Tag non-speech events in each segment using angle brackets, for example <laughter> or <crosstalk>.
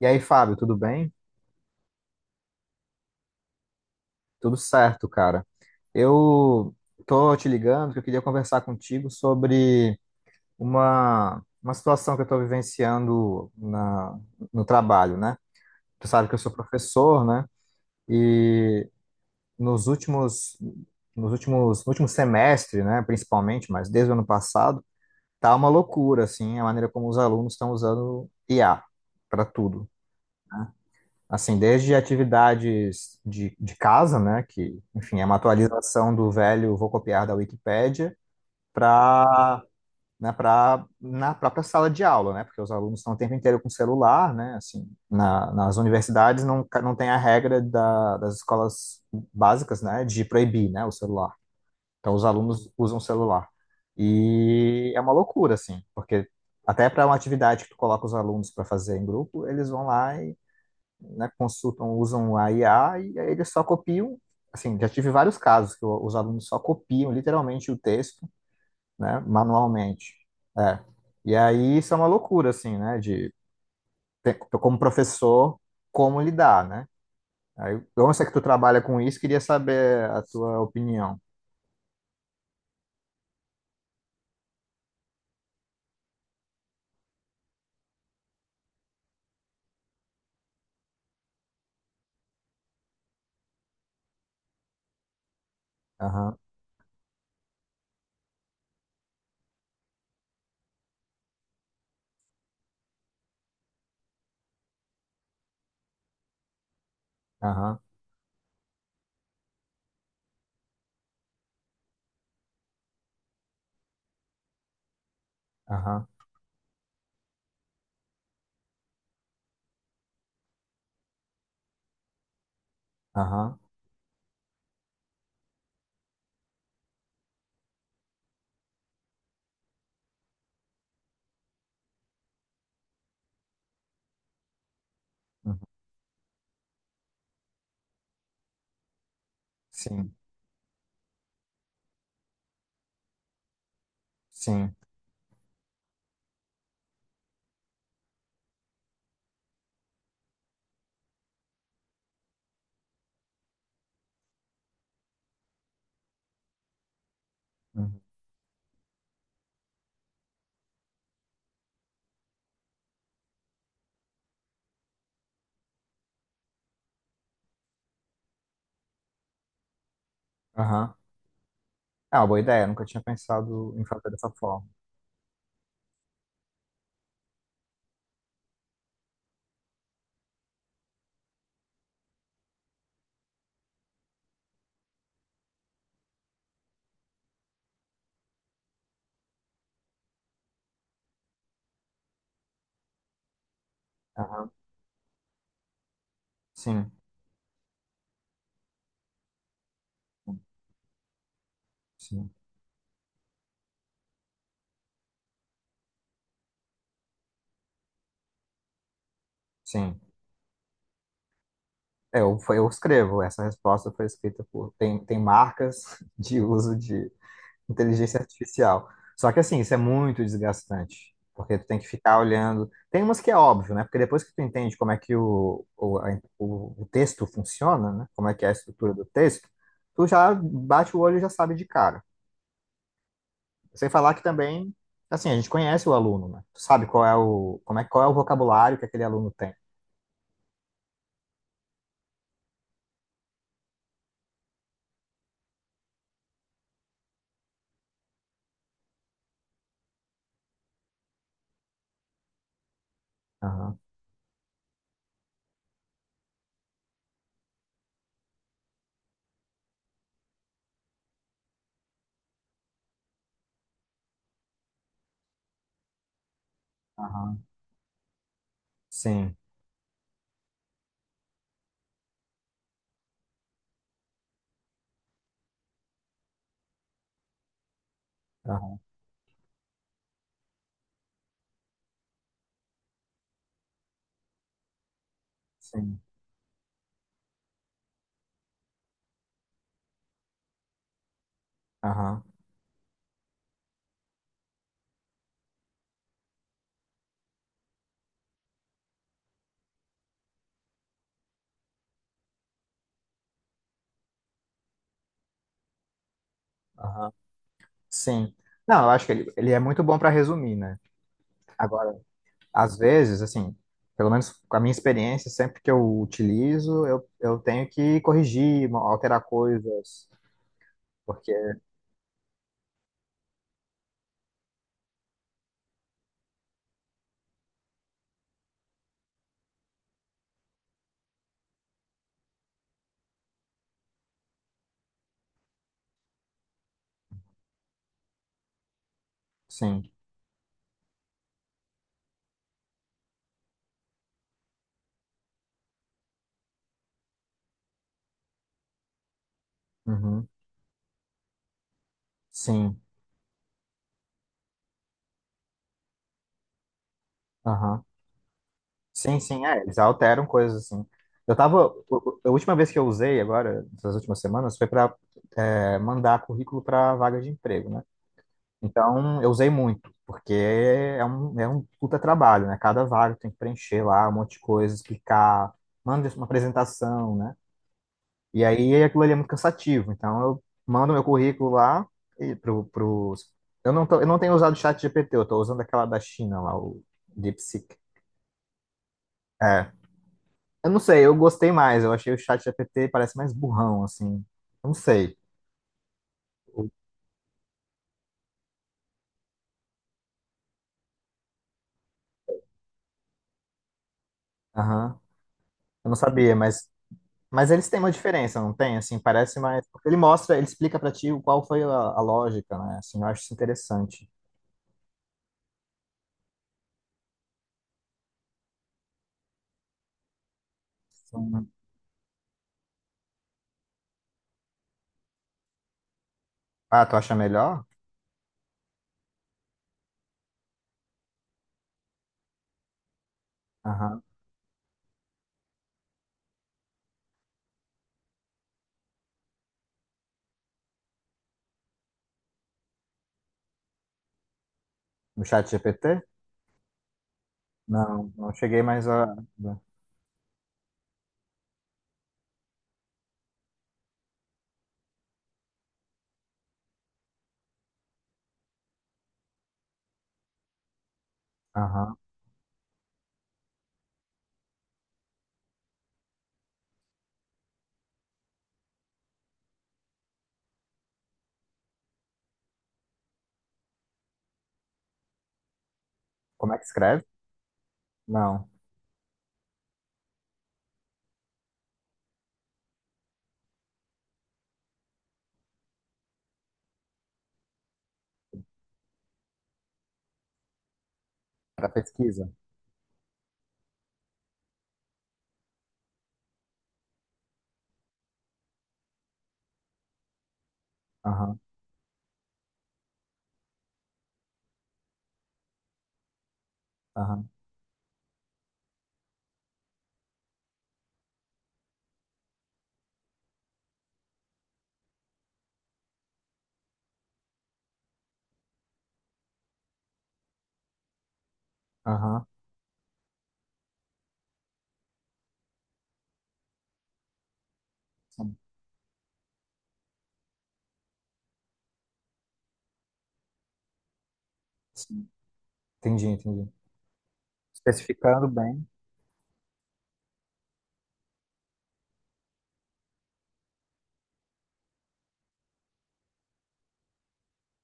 E aí, Fábio, tudo bem? Tudo certo, cara. Eu tô te ligando porque eu queria conversar contigo sobre uma situação que eu estou vivenciando no trabalho, né? Tu sabe que eu sou professor, né? E nos últimos, no último semestre, né, principalmente, mas desde o ano passado, tá uma loucura, assim, a maneira como os alunos estão usando IA para tudo. Assim, desde atividades de casa, né, que, enfim, é uma atualização do velho vou copiar da Wikipédia, para né, para na própria sala de aula, né, porque os alunos estão o tempo inteiro com celular, né, assim, nas universidades não, não tem a regra das escolas básicas, né, de proibir, né, o celular. Então, os alunos usam o celular. E é uma loucura, assim, porque até para uma atividade que tu coloca os alunos para fazer em grupo, eles vão lá né, consultam, usam a IA e aí eles só copiam. Assim, já tive vários casos que os alunos só copiam literalmente o texto, né, manualmente. É. E aí isso é uma loucura, assim, né, de como professor, como lidar, né? Aí, eu não sei que tu trabalha com isso, queria saber a tua opinião. Aham, aham, aham, aham, uhum. Sim, sim, uhum, aham. É uma boa ideia, nunca tinha pensado em fazer dessa forma. Aham, sim, sim, sim. Eu escrevo. Essa resposta foi escrita por. Tem marcas <laughs> de uso de inteligência artificial. Só que, assim, isso é muito desgastante, porque tu tem que ficar olhando. Tem umas que é óbvio, né? Porque depois que tu entende como é que o texto funciona, né? Como é que é a estrutura do texto, tu já bate o olho e já sabe de cara. Sem falar que também, assim, a gente conhece o aluno, né? Tu sabe qual é como é, qual é o vocabulário que aquele aluno tem. Aham, aham, sim, aham, sim, aham, aham. Sim. Não, eu acho que ele é muito bom para resumir, né? Agora, às vezes, assim, pelo menos com a minha experiência, sempre que eu utilizo, eu tenho que corrigir, alterar coisas, porque, sim, uhum, sim, aham, sim, sim, é, eles alteram coisas, assim. Eu tava, o- a última vez que eu usei agora, nas últimas semanas, foi para mandar currículo para vaga de emprego, né? Então, eu usei muito, porque é é um puta trabalho, né? Cada vaga tem que preencher lá um monte de coisa, explicar, manda uma apresentação, né? E aí aquilo ali é muito cansativo. Então, eu mando meu currículo lá e pro... eu não tenho usado o chat GPT, eu tô usando aquela da China lá, o DeepSeek. É. Eu não sei, eu gostei mais. Eu achei o chat GPT parece mais burrão, assim. Eu não sei. O- aham. Eu não sabia, mas eles têm uma diferença, não tem? Assim, parece mais. Porque ele mostra, ele explica pra ti qual foi a lógica, né? Assim, eu acho isso interessante. Sim. Ah, tu acha melhor? Aham. No chat GPT? Não, não cheguei mais a. Aham. Como é que escreve? Não. Para pesquisa. Aham, aham, aham. Sim, sim. Entendi, entendi. Especificando bem.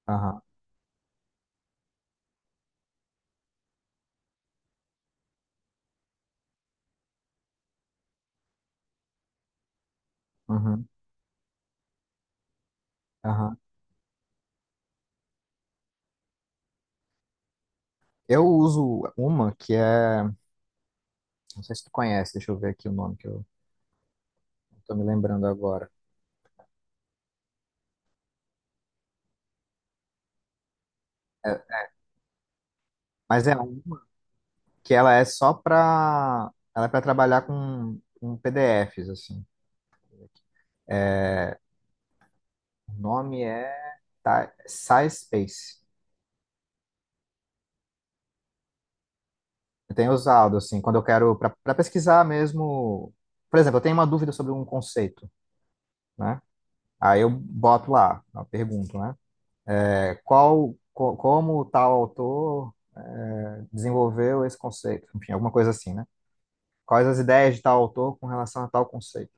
Aham, uhum, aham. Eu uso uma que é. Não sei se tu conhece, deixa eu ver aqui o nome que eu tô me lembrando agora. É, mas é um que ela é para trabalhar com PDFs assim. É, o nome é SciSpace. Eu tenho usado assim quando eu quero para pesquisar mesmo. Por exemplo, eu tenho uma dúvida sobre um conceito, né? Aí eu boto lá, eu pergunto, né? É, como tal autor é, desenvolveu esse conceito? Enfim, alguma coisa assim, né? Quais as ideias de tal autor com relação a tal conceito?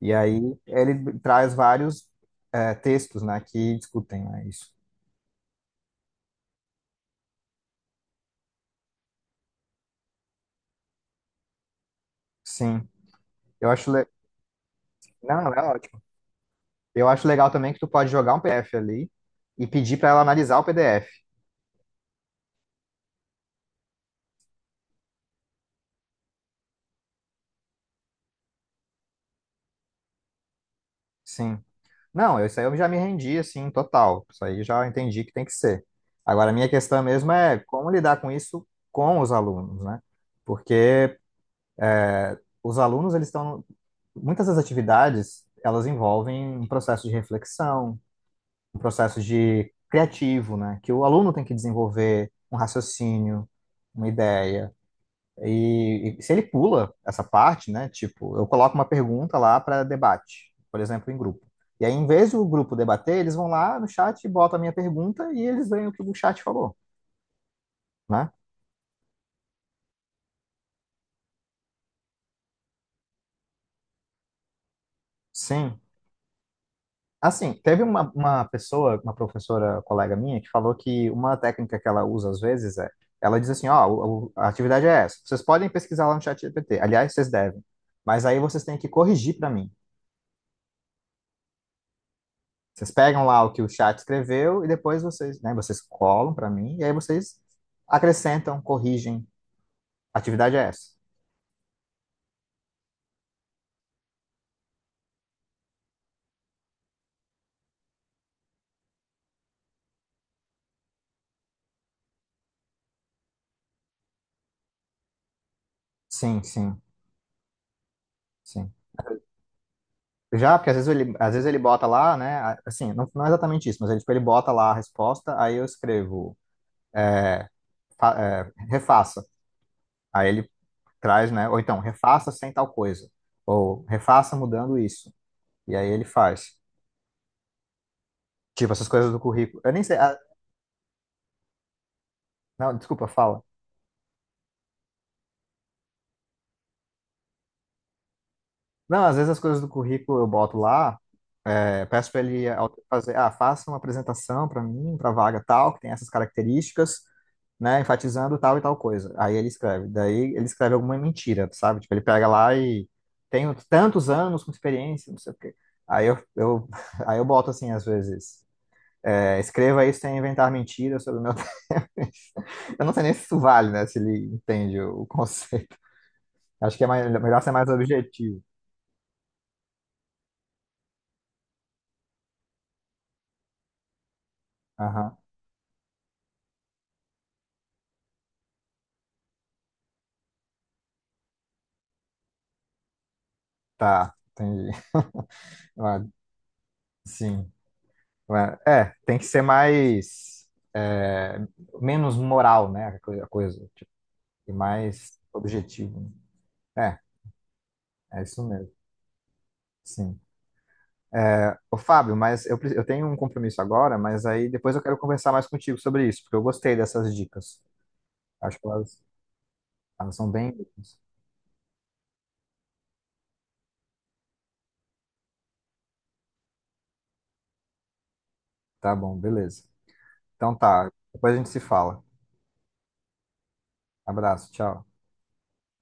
E aí ele traz vários é, textos, né, que discutem, né, isso. Sim, eu acho le... Não, não, é ótimo. Eu acho legal também que tu pode jogar um PDF ali e pedir para ela analisar o PDF. Sim. Não, isso aí eu já me rendi, assim, total. Isso aí eu já entendi que tem que ser. Agora, a minha questão mesmo é como lidar com isso com os alunos, né? Porque os alunos, eles estão... Muitas das atividades, elas envolvem um processo de reflexão, um processo de criativo, né? Que o aluno tem que desenvolver um raciocínio, uma ideia. E, se ele pula essa parte, né? Tipo, eu coloco uma pergunta lá para debate, por exemplo, em grupo. E aí, em vez do grupo debater, eles vão lá no chat, botam a minha pergunta e eles veem o que o chat falou, né? Sim. Assim, teve uma pessoa, uma professora colega minha, que falou que uma técnica que ela usa às vezes é, ela diz assim, ó, a atividade é essa. Vocês podem pesquisar lá no chat GPT. Aliás, vocês devem. Mas aí vocês têm que corrigir para mim. Vocês pegam lá o que o chat escreveu e depois vocês, né, vocês colam para mim e aí vocês acrescentam, corrigem. A atividade é essa. Sim, sim, sim. Já, porque às vezes ele bota lá, né, assim, não, não é exatamente isso, mas ele, tipo, ele bota lá a resposta, aí eu escrevo eh, refaça. Aí ele traz, né? Ou então, refaça sem tal coisa. Ou refaça mudando isso. E aí ele faz. Tipo, essas coisas do currículo. Eu nem sei. Não, desculpa, fala. Não, às vezes as coisas do currículo eu boto lá, é, peço para fazer, ah, faça uma apresentação para mim, para vaga tal, que tem essas características, né, enfatizando tal e tal coisa. Aí ele escreve. Daí ele escreve alguma mentira, sabe? Tipo, ele pega lá e tenho tantos anos com experiência, não sei o quê. Aí <laughs> aí eu boto assim, às vezes. É, escreva isso sem inventar mentiras sobre o meu texto. <laughs> Eu não sei nem se isso vale, né? Se ele entende o conceito. Acho que é melhor ser mais objetivo. Aham. Tá, entendi. Ah, sim. Ah, é, tem que ser mais. É, menos moral, né? A coisa. Tipo, e mais objetivo. É, é isso mesmo. Sim. Ô, Fábio, mas eu tenho um compromisso agora, mas aí depois eu quero conversar mais contigo sobre isso, porque eu gostei dessas dicas. Acho que elas são bem. Úteis. Tá bom, beleza. Então tá, depois a gente se fala. Abraço, tchau.